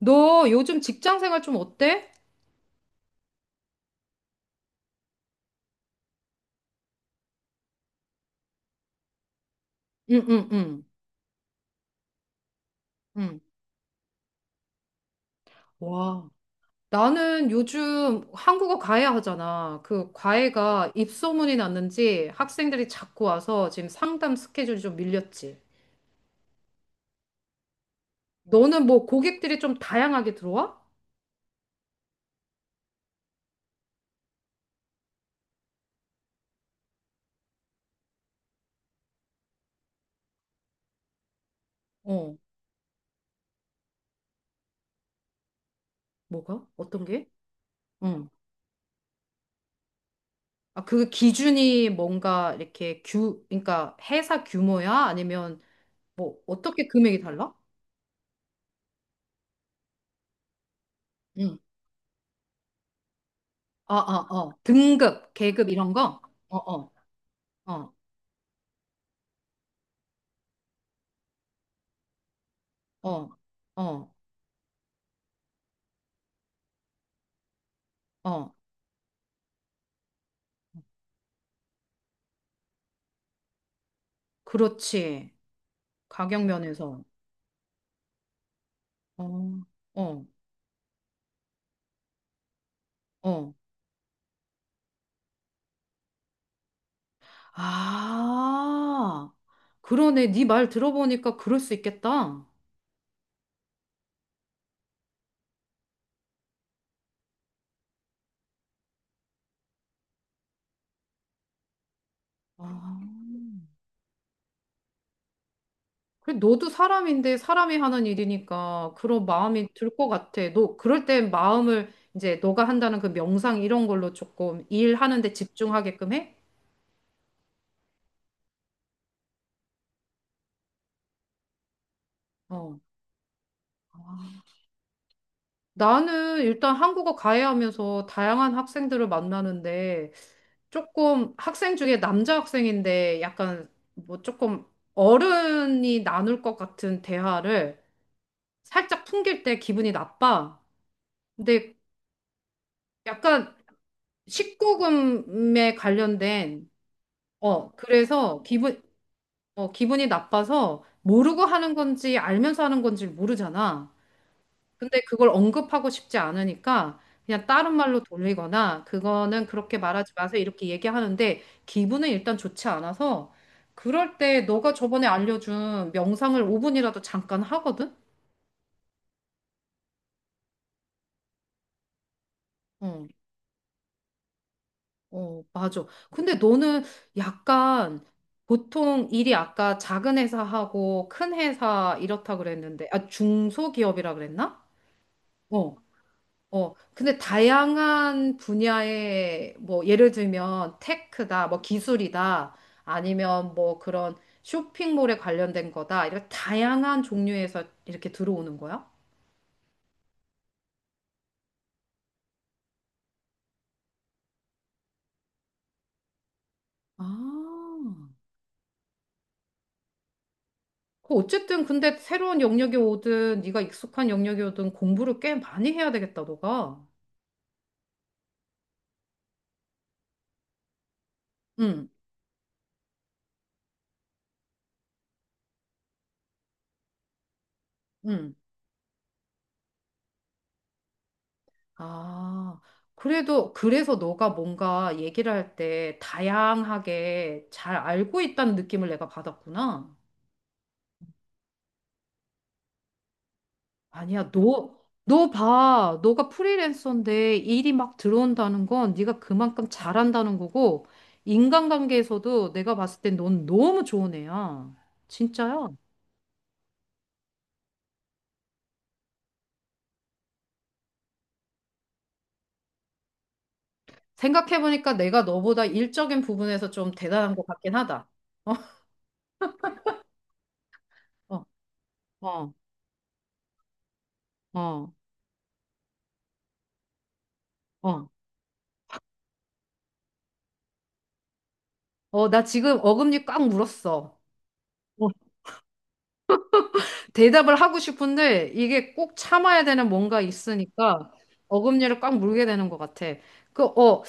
너 요즘 직장 생활 좀 어때? 응, 응, 응, 응. 와. 나는 요즘 한국어 과외 하잖아. 그 과외가 입소문이 났는지 학생들이 자꾸 와서 지금 상담 스케줄이 좀 밀렸지. 너는 뭐 고객들이 좀 다양하게 들어와? 어, 뭐가? 어떤 게? 응. 아, 그 기준이 뭔가 이렇게 그러니까 회사 규모야? 아니면 뭐 어떻게 금액이 달라? 응. 아, 아, 어. 등급, 계급 이런 거? 어, 어. 어. 어, 어, 어. 그렇지. 가격 면에서. 어, 어, 어. 아, 그러네. 네 말 들어보니까 그럴 수 있겠다. 아, 그래, 너도 사람인데 사람이 하는 일이니까 그런 마음이 들 것 같아. 너 그럴 땐 마음을 이제 너가 한다는 그 명상 이런 걸로 조금 일하는 데 집중하게끔 해? 어. 나는 일단 한국어 가해하면서 다양한 학생들을 만나는데 조금 학생 중에 남자 학생인데 약간 뭐 조금 어른이 나눌 것 같은 대화를 살짝 풍길 때 기분이 나빠. 근데 약간 19금에 관련된 그래서 기분이 나빠서 모르고 하는 건지 알면서 하는 건지 모르잖아. 근데 그걸 언급하고 싶지 않으니까 그냥 다른 말로 돌리거나 그거는 그렇게 말하지 마세요 이렇게 얘기하는데 기분은 일단 좋지 않아서 그럴 때 너가 저번에 알려준 명상을 5분이라도 잠깐 하거든? 어, 어, 맞아. 근데 너는 약간 보통 일이 아까 작은 회사하고 큰 회사 이렇다 그랬는데 아 중소기업이라 그랬나? 어, 어, 근데 다양한 분야의 뭐 예를 들면 테크다, 뭐 기술이다, 아니면 뭐 그런 쇼핑몰에 관련된 거다, 이렇게 다양한 종류에서 이렇게 들어오는 거야? 아, 그 어쨌든 근데 새로운 영역이 오든 네가 익숙한 영역이 오든 공부를 꽤 많이 해야 되겠다, 너가. 응, 응. 아, 그래도 그래서 너가 뭔가 얘기를 할 때 다양하게 잘 알고 있다는 느낌을 내가 받았구나. 아니야, 너 봐. 너가 프리랜서인데 일이 막 들어온다는 건 네가 그만큼 잘한다는 거고, 인간관계에서도 내가 봤을 땐 넌 너무 좋은 애야. 진짜야. 생각해보니까 내가 너보다 일적인 부분에서 좀 대단한 것 같긴 하다. 어, 어, 어, 어, 어. 어, 나 지금 어금니 꽉 물었어. 어, 대답을 하고 싶은데 이게 꼭 참아야 되는 뭔가 있으니까 어금니를 꽉 물게 되는 것 같아. 그, 어,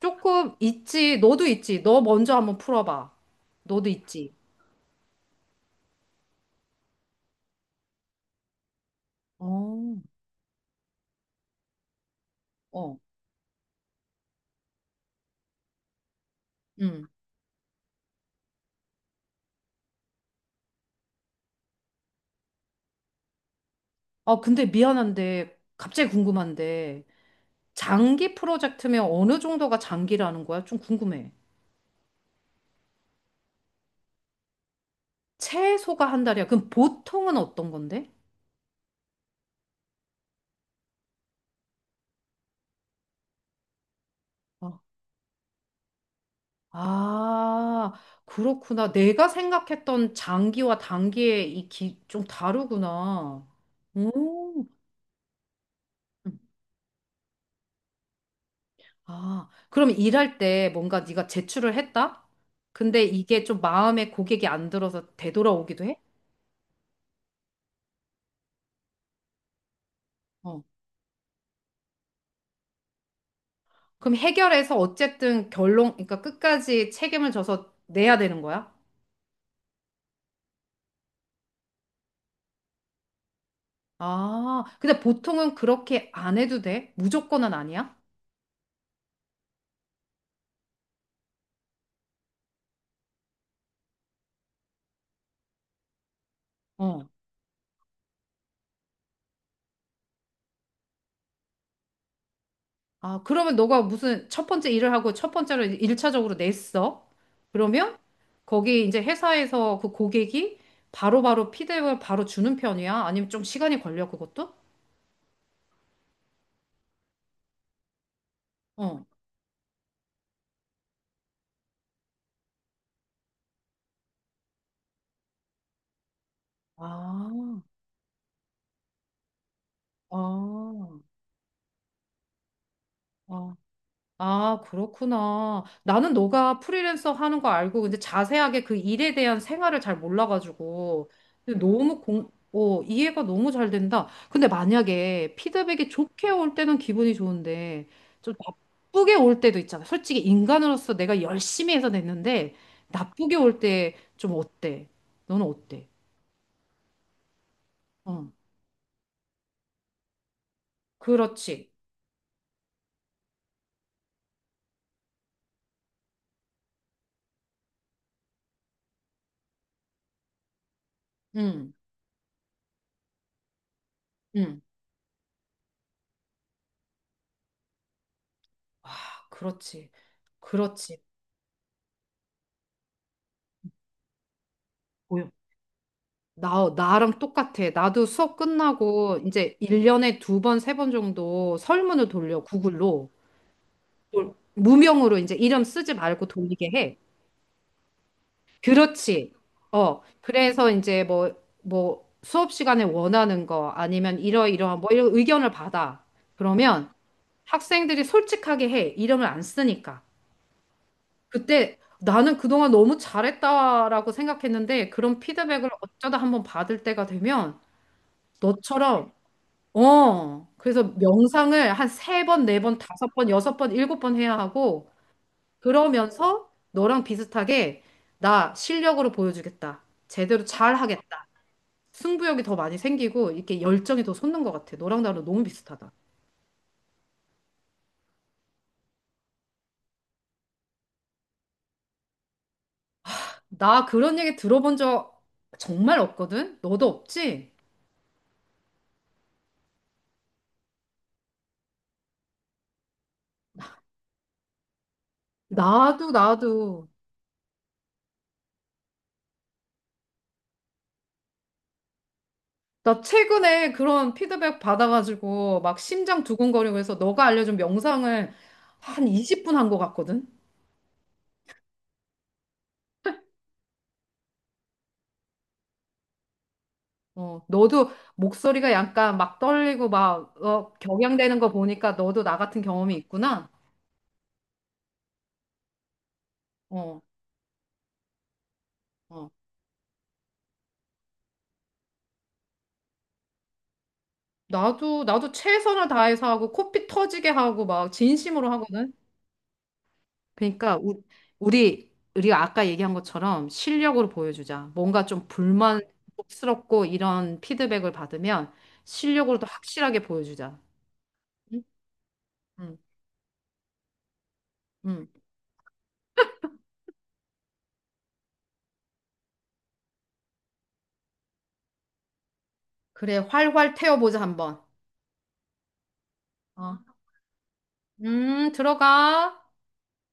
조금 있지. 너도 있지. 너 먼저 한번 풀어봐. 너도 있지. 어, 어. 응. 아, 근데 미안한데, 갑자기 궁금한데, 장기 프로젝트면 어느 정도가 장기라는 거야? 좀 궁금해. 최소가 한 달이야. 그럼 보통은 어떤 건데? 아, 아, 그렇구나. 내가 생각했던 장기와 단기의 좀 다르구나. 오, 아, 그럼 일할 때 뭔가 네가 제출을 했다? 근데 이게 좀 마음에 고객이 안 들어서 되돌아오기도 해? 어. 그럼 해결해서 어쨌든 결론, 그러니까 끝까지 책임을 져서 내야 되는 거야? 아, 근데 보통은 그렇게 안 해도 돼? 무조건은 아니야? 어. 아, 그러면 너가 무슨 첫 번째 일을 하고 첫 번째로 일차적으로 냈어? 그러면 거기 이제 회사에서 그 고객이 바로바로 피드백을 바로 주는 편이야? 아니면 좀 시간이 걸려, 그것도? 어. 아, 아, 아, 아, 그렇구나. 나는 너가 프리랜서 하는 거 알고, 근데 자세하게 그 일에 대한 생활을 잘 몰라가지고, 근데 너무 이해가 너무 잘 된다. 근데 만약에 피드백이 좋게 올 때는 기분이 좋은데, 좀 나쁘게 올 때도 있잖아. 솔직히 인간으로서 내가 열심히 해서 냈는데, 나쁘게 올 때 좀 어때? 너는 어때? 응, 그렇지. 응, 응, 아, 그렇지. 그렇지. 나랑 똑같아. 나도 수업 끝나고 이제 1년에 두 번, 세 번 정도 설문을 돌려, 구글로. 무명으로 이제 이름 쓰지 말고 돌리게 해. 그렇지. 어, 그래서 이제 뭐 수업 시간에 원하는 거 아니면 이러이러한 뭐 이런 의견을 받아. 그러면 학생들이 솔직하게 해. 이름을 안 쓰니까. 그때 나는 그동안 너무 잘했다라고 생각했는데 그런 피드백을 어쩌다 한번 받을 때가 되면 너처럼 그래서 명상을 한 세 번, 네 번, 다섯 번, 여섯 번, 일곱 번 해야 하고, 그러면서 너랑 비슷하게 나 실력으로 보여주겠다. 제대로 잘 하겠다. 승부욕이 더 많이 생기고, 이렇게 열정이 더 솟는 것 같아. 너랑 나랑 너무 비슷하다. 나 그런 얘기 들어본 적 정말 없거든? 너도 없지? 나도, 나도. 나 최근에 그런 피드백 받아가지고, 막 심장 두근거리고 해서 너가 알려준 명상을 한 20분 한 것 같거든? 어, 너도 목소리가 약간 막 떨리고 막 격양되는 거 보니까 너도 나 같은 경험이 있구나. 어, 어. 나도 최선을 다해서 하고 코피 터지게 하고 막 진심으로 하거든. 그러니까 우, 우리 우리가 아까 얘기한 것처럼 실력으로 보여주자. 뭔가 좀 불만스럽고 이런 피드백을 받으면 실력으로도 확실하게 보여주자. 응? 응, 응. 그래, 활활 태워보자 한번. 어. 들어가.